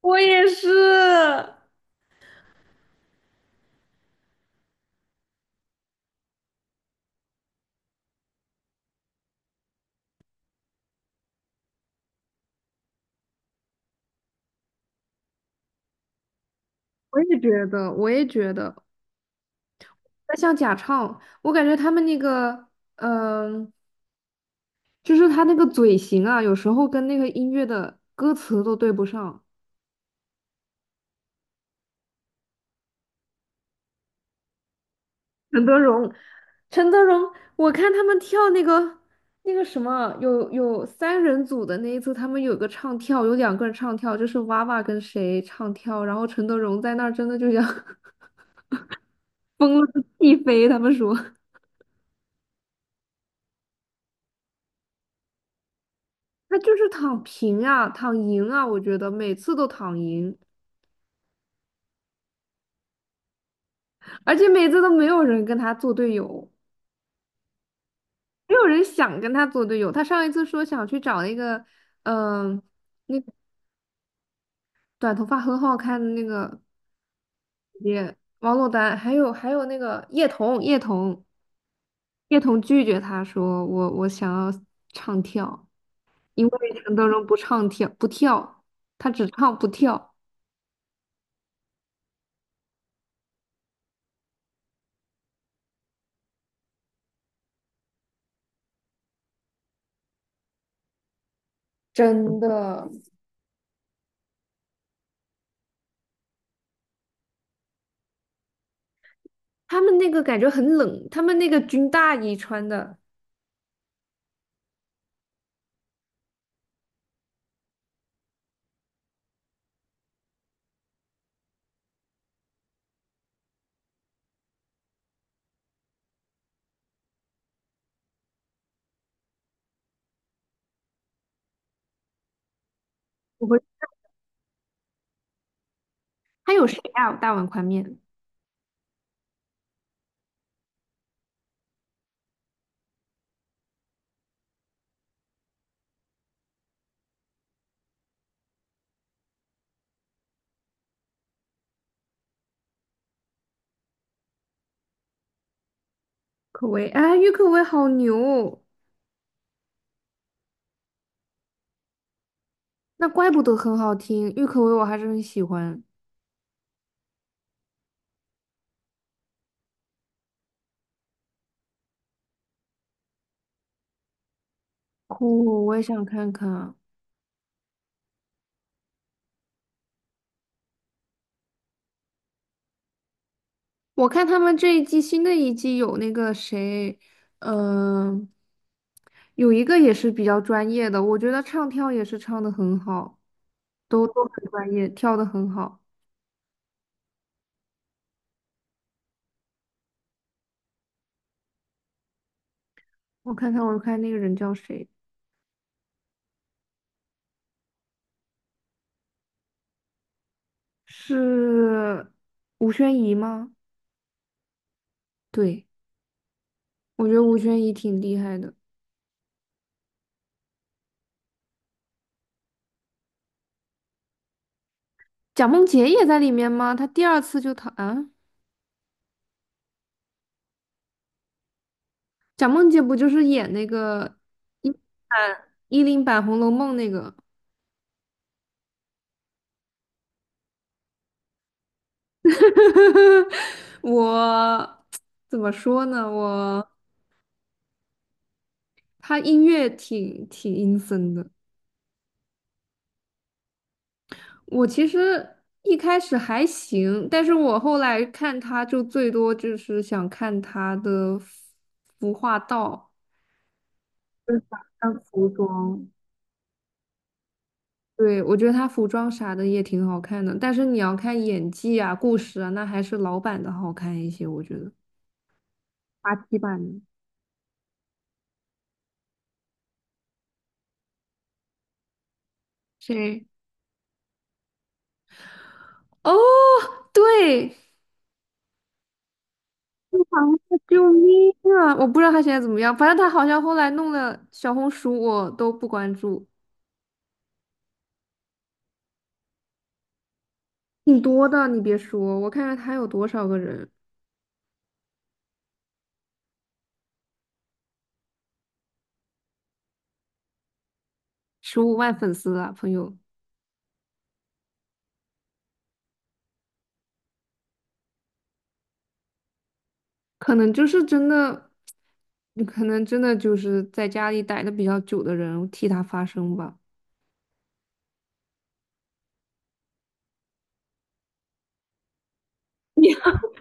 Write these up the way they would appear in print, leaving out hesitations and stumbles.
我也是。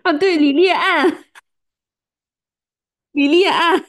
对，李烈案，李烈案，